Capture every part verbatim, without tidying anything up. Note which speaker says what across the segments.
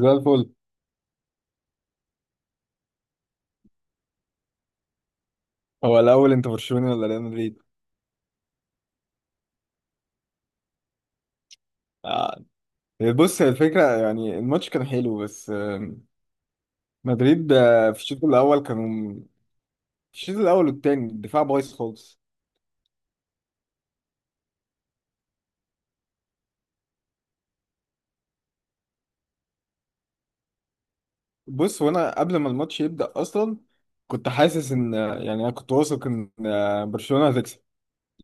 Speaker 1: زي الفل. هو الاول انت برشلوني ولا ريال مدريد؟ آه. بص، هي الفكره. يعني الماتش كان حلو بس آم، مدريد آه، في الشوط الاول كانوا. في الشوط الاول والتاني الدفاع بايظ خالص. بص، وانا قبل ما الماتش يبدا اصلا كنت حاسس ان آه، يعني انا كنت واثق ان آه، برشلونه هتكسب.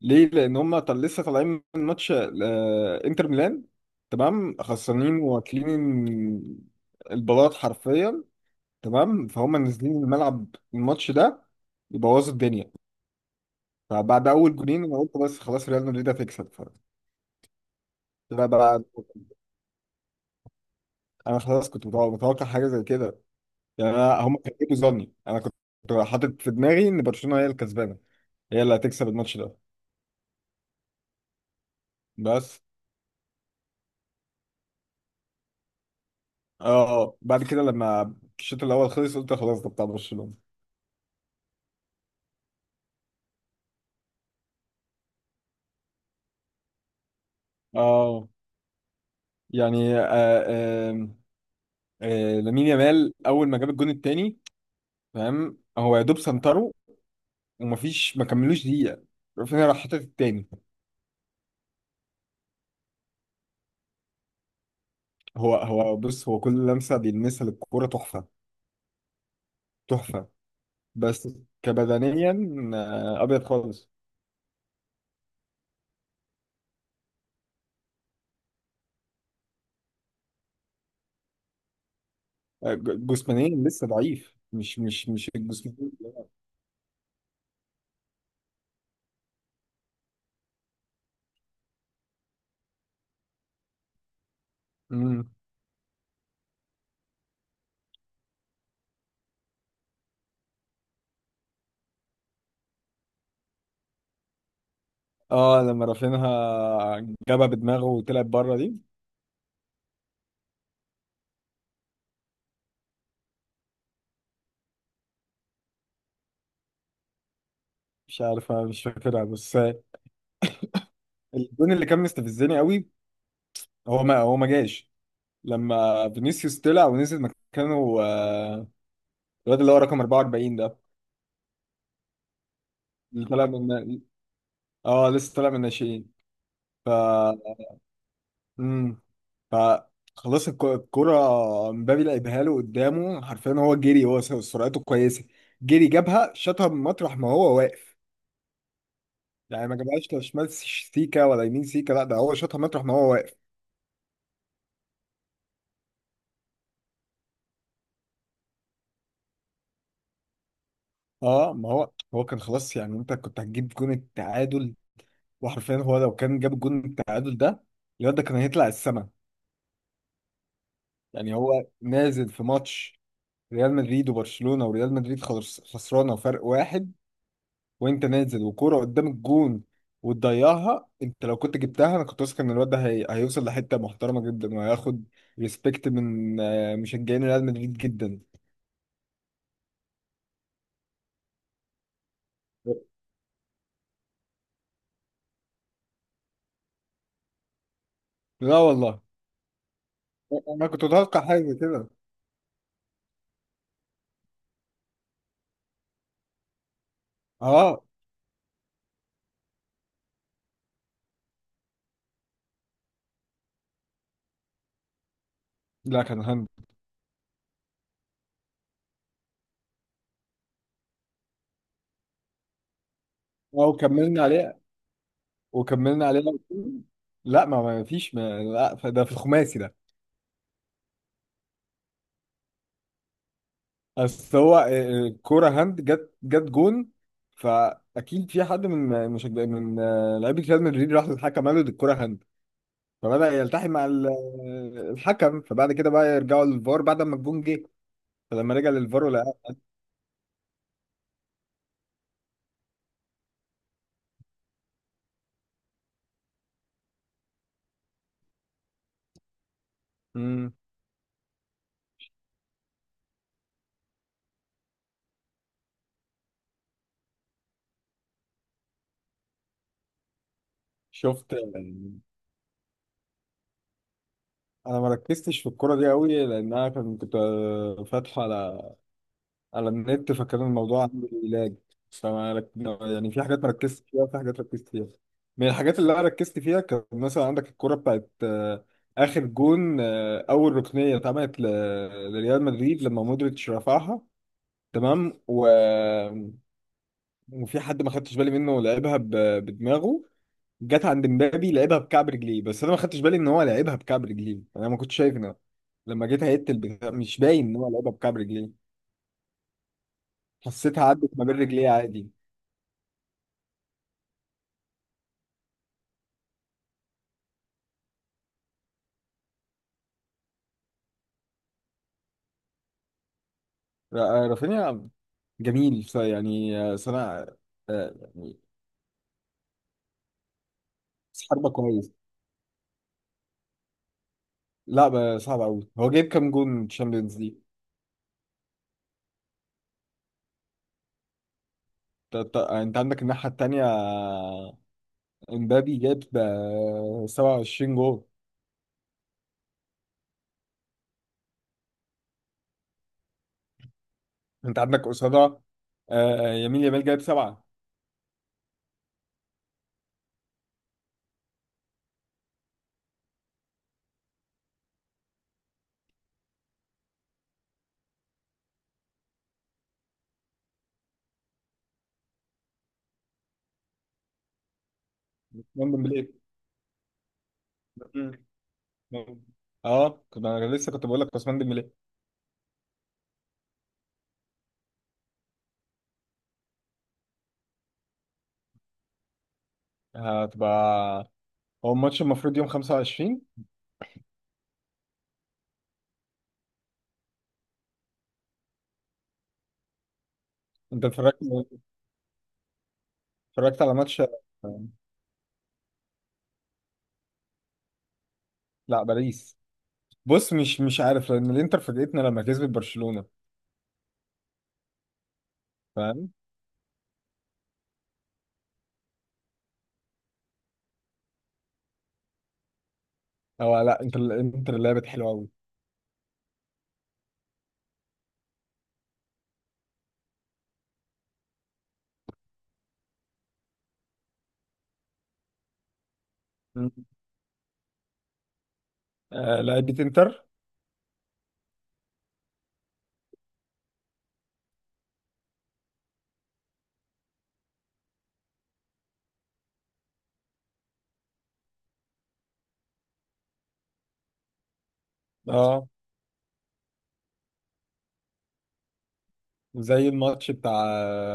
Speaker 1: ليه؟ لان هم طل لسه طالعين من ماتش آه، انتر ميلان. تمام، خسرانين واكلين البلاط حرفيا. تمام، فهم نازلين الملعب الماتش ده يبوظوا الدنيا. فبعد اول جولين انا قلت بس خلاص ريال مدريد هتكسب. فطلع بقى. انا خلاص كنت متوقع متوقع حاجه زي كده. يعني، أنا هم كانوا بيجيبوا ظني. انا كنت حاطط في دماغي ان برشلونه هي الكسبانه، هي اللي هتكسب الماتش ده. بس اه. آه. بعد كده لما الشوط الاول خلص قلت خلاص ده بتاع برشلونه. اه، يعني آه آه آه لامين يامال اول ما جاب الجون التاني. فاهم؟ هو يا دوب سنتره، ومفيش ما كملوش دقيقة رافينيا راح حاطط التاني. هو هو بص، هو كل لمسة بيلمسها للكورة تحفة تحفة. بس كبدنيا، آه، أبيض خالص. آه، ج- جسمانيا لسه ضعيف، مش مش مش الجسم. مم. اه، لما رافينها جابها بدماغه وطلعت بره دي. مش عارف، أنا مش فاكرها بس آه، الجون اللي كان مستفزني قوي هو ما هو ما جاش لما فينيسيوس طلع ونزل مكانه. آه، الواد اللي هو رقم أربعه واربعين ده، اللي طلع من، اه، لسه طالع من الناشئين. ف امم ف خلاص الك- الكرة مبابي لعبها له قدامه حرفيا. هو جري، هو س- سرعته كويسة. جري جابها، شاطها من مطرح ما هو واقف. يعني ما جابهاش لا شمال س- سيكا ولا يمين سيكا، لا ده هو شاطها مطرح ما هو واقف. اه، ما هو هو كان خلاص. يعني انت كنت هتجيب جون التعادل. وحرفيا، هو لو كان جاب جون التعادل ده، الواد ده كان هيطلع السما. يعني هو نازل في ماتش ريال مدريد وبرشلونة، وريال مدريد خلاص خسرانة فرق واحد، وانت نازل وكوره قدام الجون وتضيعها! انت لو كنت جبتها انا كنت واثق ان الواد ده هي... هيوصل لحته محترمه جدا، وهياخد ريسبكت من آه، مشجعين ريال مدريد جدا. لا والله. انا كنت متوقع حاجه كده. اه، لا كان هاند. او كملنا عليه، وكملنا عليه. لا، ما ما فيش ما، لا ده في الخماسي ده. اصل هو آه، الكوره هاند جت جت جون. فاكيد في حد من مشجع من آه، لعيبه ريال مدريد راح للحكم قال له دي الكوره هاند، فبدأ يلتحم مع ال- الحكم. فبعد كده بقى يرجعوا للفار بعد ما الجون جه. فلما رجع للفار ولا امم شفت. انا ما ركزتش في الكرة دي قوي لان انا كان- كنت فاتحه على على النت، فكان الموضوع عندي لاج. فما رك... يعني في حاجات ما ركزتش فيها وفي حاجات ركزت فيها. من الحاجات اللي انا ركزت فيها كان مثلا عندك الكرة بتاعت آه، اخر جون. آه، اول ركنية اتعملت ل- لريال مدريد لما مودريتش رفعها. تمام. و وفي حد ما خدتش بالي منه لعبها ب- بدماغه. جت عند مبابي لعبها بكعب رجليه، بس انا ما خدتش بالي ان هو لعبها بكعب رجليه. انا ما كنتش شايف ان لما جيت هيت البتاع مش باين ان هو لعبها بكعب رجليه. حسيتها عدت ما بين رجليه عادي. را- رافينيا جميل. ف- يعني آه، صنع، آه، يعني حربه كويس. لا، ب- صعب قوي. هو جايب كام جون تشامبيونز ليج؟ ت- ت- يعني انت عندك الناحيه التانيه. آه، امبابي جاب آه، سبعه وعشرين جون. انت عندك قصادها آه، يمين يامال جايب سبعه. عثمان ديمبلي. مم. اه، كنت انا لسه كنت بقول لك عثمان ديمبلي. هتبقى هو الماتش المفروض يوم خمسه وعشرين. انت اتفرجت اتفرجت على ماتش؟ لا، باريس. بص، مش مش عارف لان الانتر فاجئتنا لما كسبت برشلونه. فاهم؟ او لا انتر الانتر لعبت حلوه قوي. آه، لعبت انتر. اه، زي الماتش بتاع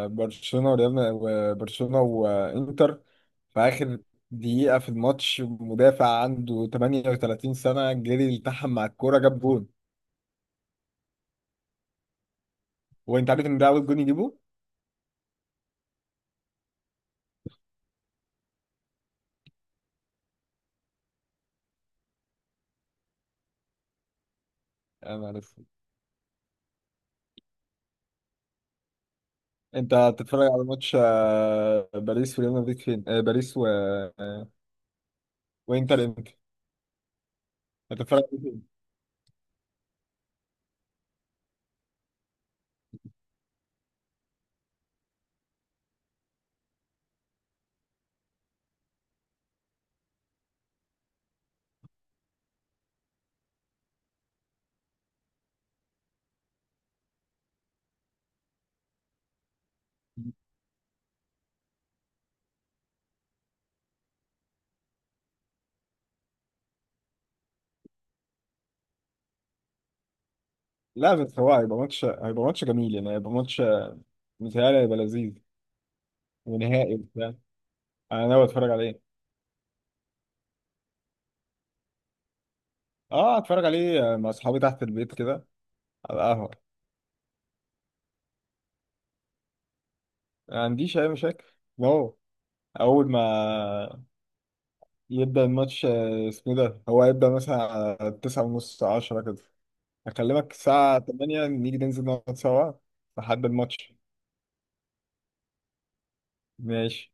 Speaker 1: برشلونة وريال م- وبرشلونة وانتر، في آخر دقيقة في الماتش مدافع عنده تمانيه وتلاتين سنة جري التحم مع الكورة جاب جون. وانت عارف ان ده اول جون يجيبه؟ انا ما عارف. انت هتتفرج على ماتش آه، باريس وريال مدريد فين؟ آه، باريس و... آه، وانتر امتى؟ هتتفرج عليه فين؟ لا، بس هو هيبقى ماتش هيبقى ماتش جميل. يعني هيبقى ماتش، متهيألي هيبقى لذيذ، ونهائي وبتاع. انا ناوي اتفرج عليه. اه، اتفرج عليه مع اصحابي تحت البيت كده على القهوة. ما عنديش أي مشاكل. واو. أول ما يبدأ الماتش آه، اسمه إيه ده، هو هيبدأ مثلا على تسعة ونص عشرة كده. هكلمك الساعة تمانية، نيجي ننزل نقعد سوا لحد الماتش. ماشي.